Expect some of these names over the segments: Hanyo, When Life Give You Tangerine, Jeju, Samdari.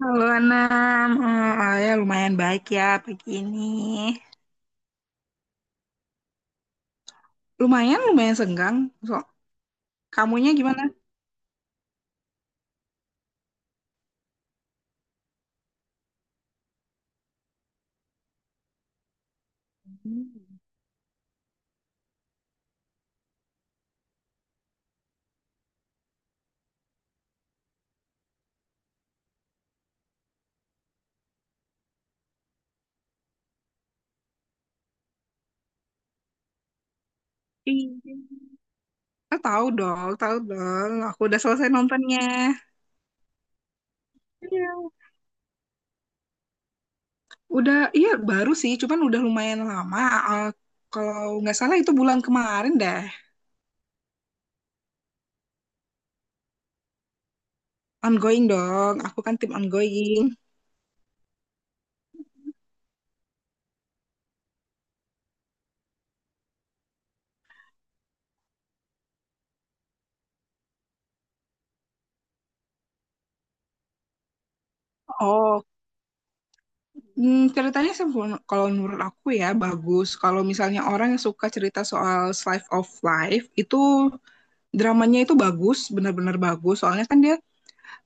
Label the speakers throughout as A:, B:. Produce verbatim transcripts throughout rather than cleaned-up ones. A: Halo Anam. Ah, ya lumayan baik ya pagi ini. Lumayan, lumayan senggang. So, kamunya gimana? Iya. Ah, tahu dong, tahu dong. Aku udah selesai nontonnya. Iya. Udah, iya baru sih, cuman udah lumayan lama. Ah, Kalau nggak salah itu bulan kemarin deh. Ongoing dong, aku kan tim ongoing. Oh, hmm, ceritanya sih menur- kalau menurut aku ya bagus. Kalau misalnya orang yang suka cerita soal slice of life itu dramanya itu bagus, benar-benar bagus. Soalnya kan dia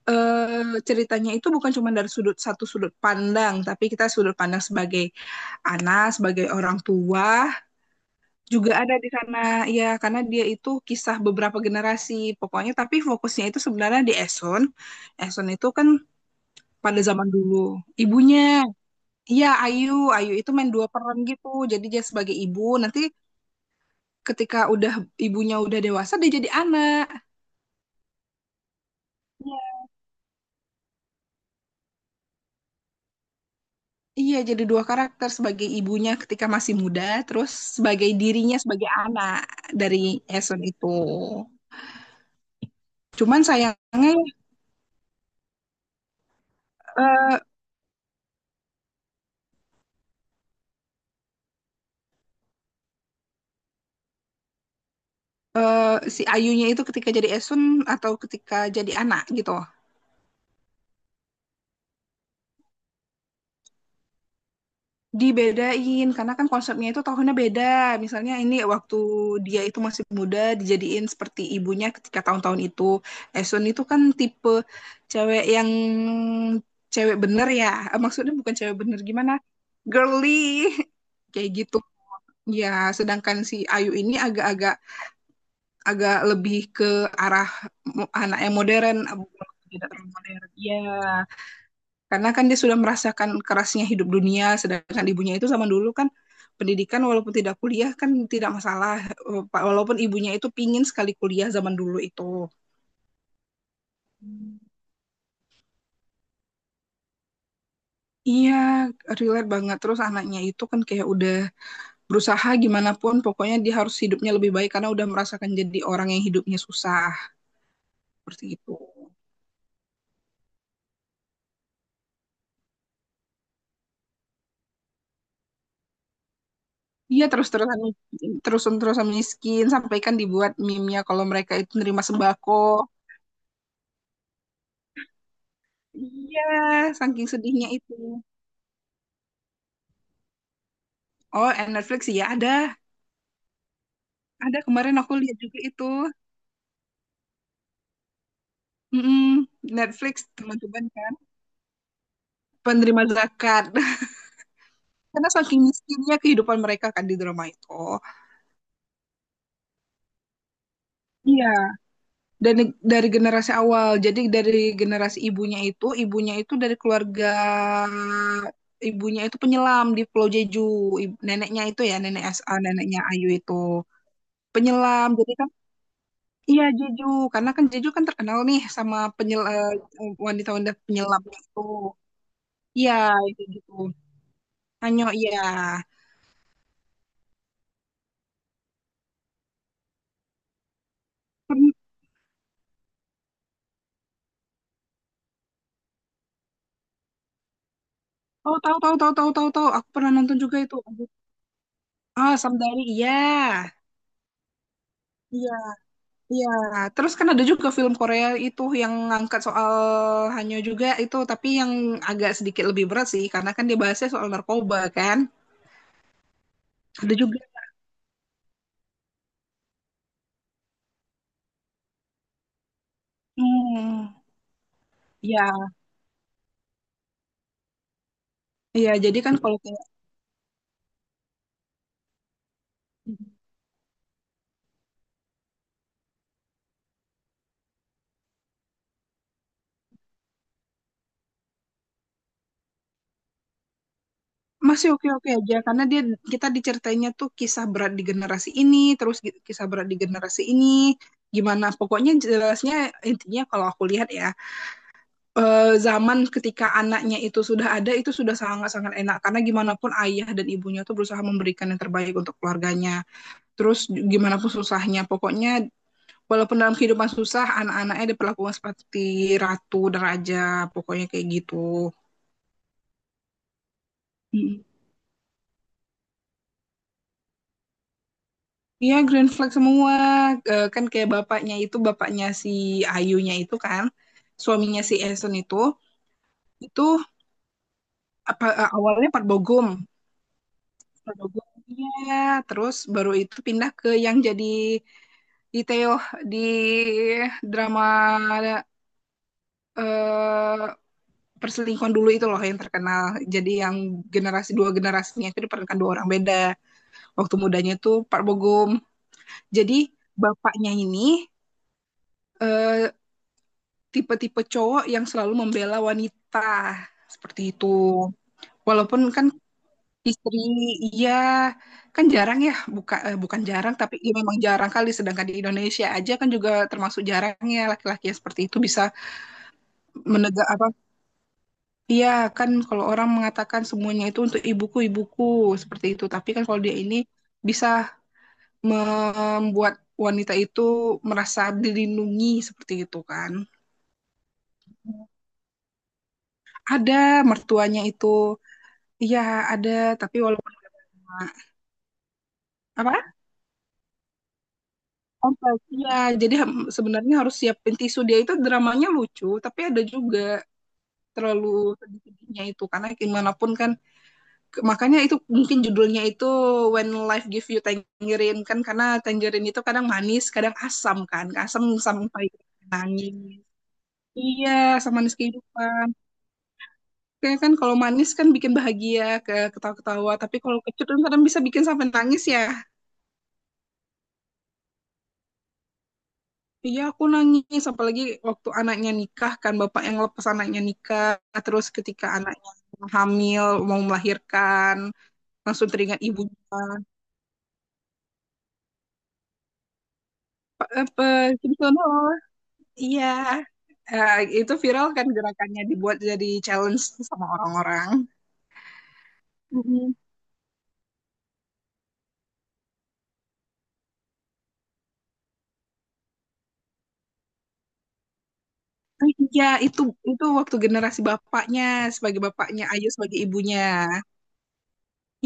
A: eh, ceritanya itu bukan cuma dari sudut satu sudut pandang, tapi kita sudut pandang sebagai anak, sebagai orang tua juga ada di sana. Ya, karena dia itu kisah beberapa generasi. Pokoknya tapi fokusnya itu sebenarnya di Eson. Eson itu kan pada zaman dulu ibunya. Iya, Ayu, Ayu itu main dua peran gitu. Jadi dia sebagai ibu, nanti ketika udah ibunya udah dewasa dia jadi anak. Iya, iya, jadi dua karakter sebagai ibunya ketika masih muda, terus sebagai dirinya sebagai anak dari Esun itu. Cuman sayangnya eh, eh, si Ayunya itu ketika jadi Esun atau ketika jadi anak gitu. Dibedain karena kan konsepnya itu tahunnya beda. Misalnya ini waktu dia itu masih muda dijadiin seperti ibunya ketika tahun-tahun itu. Esun itu kan tipe cewek yang cewek bener ya. Eh, maksudnya bukan cewek bener gimana? Girly kayak gitu. Ya, sedangkan si Ayu ini agak-agak agak lebih ke arah mo- anak yang modern, tidak terlalu modern. Ya, karena kan dia sudah merasakan kerasnya hidup dunia, sedangkan ibunya itu zaman dulu kan pendidikan walaupun tidak kuliah kan tidak masalah. Eh, Walaupun ibunya itu pingin sekali kuliah zaman dulu itu. Iya, relate banget. Terus anaknya itu kan kayak udah berusaha gimana pun, pokoknya dia harus hidupnya lebih baik karena udah merasakan jadi orang yang hidupnya susah, seperti itu. Iya, terus-terusan terus-terusan miskin, sampai kan dibuat meme-nya kalau mereka itu nerima sembako. Iya, saking sedihnya itu. Oh, eh, Netflix ya ada. Ada kemarin aku lihat juga itu. Mm-mm, Netflix teman-teman kan penerima zakat. Karena saking miskinnya kehidupan mereka kan di drama itu. Iya. Dan dari generasi awal. Jadi dari generasi ibunya itu, ibunya itu dari keluarga ibunya itu penyelam di Pulau Jeju. Ib- Neneknya itu ya, nenek S A, neneknya Ayu itu penyelam. Jadi kan iya Jeju, karena kan Jeju kan terkenal nih sama penyel eh, wanita-wanita penyelam itu. Iya, itu gitu. Hanyo, iya. Pern- Oh, tahu tahu tahu tahu tahu tahu. Aku pernah nonton juga itu. Ah, Samdari. Iya. Iya, iya. Terus kan ada juga film Korea itu yang ngangkat soal Hanyo juga itu, tapi yang agak sedikit lebih berat sih karena kan dia bahasnya soal narkoba kan. Ada juga. Hmm. Iya, iya. Jadi kan kalau kayak masih oke-oke aja karena dia kita diceritainnya tuh kisah berat di generasi ini terus gi- kisah berat di generasi ini gimana pokoknya jelasnya intinya kalau aku lihat ya, eh, zaman ketika anaknya itu sudah ada itu sudah sangat-sangat enak karena gimana pun ayah dan ibunya tuh berusaha memberikan yang terbaik untuk keluarganya, terus gimana pun susahnya pokoknya walaupun dalam kehidupan susah anak-anaknya diperlakukan seperti ratu dan raja pokoknya kayak gitu. Iya, green flag semua. Eh, kan kayak bapaknya itu, bapaknya si Ayunya itu kan, suaminya si Eason itu, itu apa eh, awalnya Pak Bogum. Pak Bogum, iya. Terus baru itu pindah ke yang jadi di Teo di drama eh, perselingkuhan dulu itu loh yang terkenal. Jadi yang generasi dua generasinya itu diperankan dua orang beda. Waktu mudanya itu Pak Bogum. Jadi bapaknya ini eh, tipe-tipe cowok yang selalu membela wanita seperti itu. Walaupun kan istri iya kan jarang ya buka eh, bukan jarang tapi ya memang jarang kali, sedangkan di Indonesia aja kan juga termasuk jarangnya laki-laki yang seperti itu bisa menegak apa iya kan kalau orang mengatakan semuanya itu untuk ibuku ibuku seperti itu, tapi kan kalau dia ini bisa membuat wanita itu merasa dilindungi seperti itu kan. Ada mertuanya itu. Iya, ada, tapi walaupun apa? Kompleks. Iya, jadi hem- sebenarnya harus siapin tisu. Dia itu dramanya lucu, tapi ada juga terlalu sedih-sedihnya itu karena gimana pun kan ke- makanya itu mungkin judulnya itu When Life Give You Tangerine kan karena tangerine itu kadang manis, kadang asam kan. Asam sampai nangis. Iya, sama manis kehidupan. Kayak kan kalau manis kan bikin bahagia, ke ketawa-ketawa, tapi kalau kecut kan kadang bisa bikin sampai nangis ya. Iya, aku nangis. Apalagi waktu anaknya nikah, kan bapak yang lepas anaknya nikah. Terus ketika anaknya hamil, mau melahirkan, langsung teringat ibunya. Apa, gitu loh. Iya. Eh, itu viral kan gerakannya dibuat jadi challenge sama orang-orang. Mhm. Eh, Iya, itu itu waktu generasi bapaknya sebagai bapaknya, Ayu sebagai ibunya.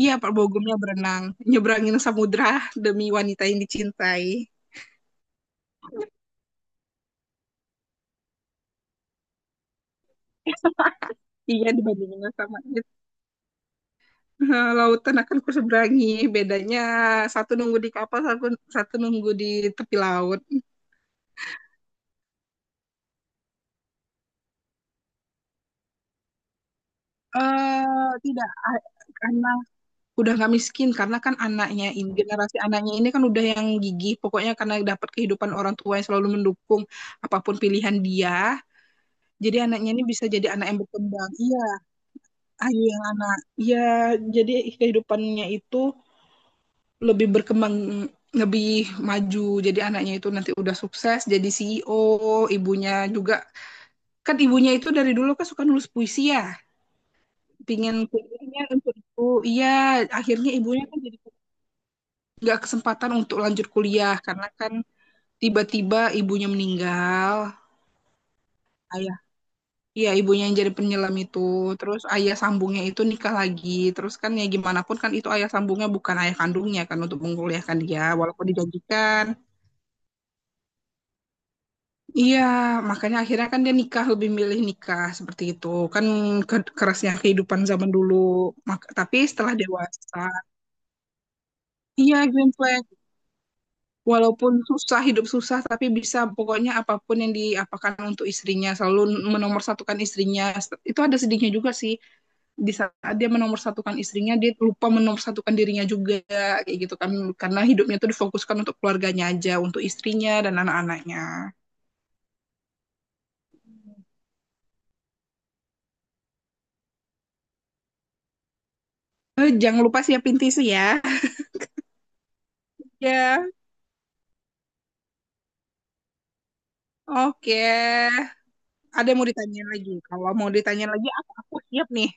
A: Iya, Pak Bogumnya berenang, nyebrangin samudra demi wanita yang dicintai. Iya dibandingin sama eh, lautan akan ku seberangi. Bedanya satu nunggu di kapal, satu, satu nunggu di tepi laut. Eh tidak, a- Karena udah nggak miskin karena kan anaknya ini generasi anaknya ini kan udah yang gigih. Pokoknya karena dapat kehidupan orang tua yang selalu mendukung apapun pilihan dia. Jadi anaknya ini bisa jadi anak yang berkembang. Iya, Ayu yang anak. Iya, jadi kehidupannya itu lebih berkembang lebih maju, jadi anaknya itu nanti udah sukses jadi C E O, ibunya juga kan ibunya itu dari dulu kan suka nulis puisi ya, pingin kuliahnya untuk ibu, iya akhirnya ibunya kan jadi nggak kesempatan untuk lanjut kuliah karena kan tiba-tiba ibunya meninggal. Ayah iya ibunya yang jadi penyelam itu, terus ayah sambungnya itu nikah lagi, terus kan ya gimana pun kan itu ayah sambungnya bukan ayah kandungnya kan untuk mengkuliahkan dia walaupun dijanjikan. Iya, makanya akhirnya kan dia nikah lebih milih nikah seperti itu. Kan ke- kerasnya kehidupan zaman dulu. Mak- tapi setelah dewasa, iya green flag. Walaupun susah hidup susah tapi bisa pokoknya apapun yang diapakan untuk istrinya selalu menomorsatukan istrinya. Itu ada sedihnya juga sih. Di saat dia menomorsatukan istrinya, dia lupa menomorsatukan dirinya juga kayak gitu kan, karena hidupnya tuh difokuskan untuk keluarganya aja, untuk istrinya dan anak-anaknya. Eh, jangan lupa siapin tisu ya. Ya. Oke, ada yang mau ditanya lagi? Kalau mau ditanya lagi, aku, aku siap nih.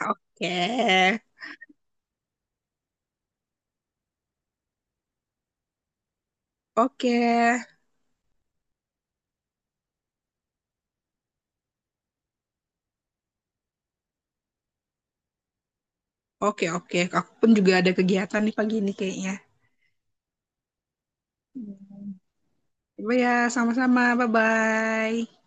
A: Oke, oke, oke, oke. Aku pun juga ada kegiatan nih pagi ini kayaknya. Hmm. Coba ya, sama-sama. Bye-bye.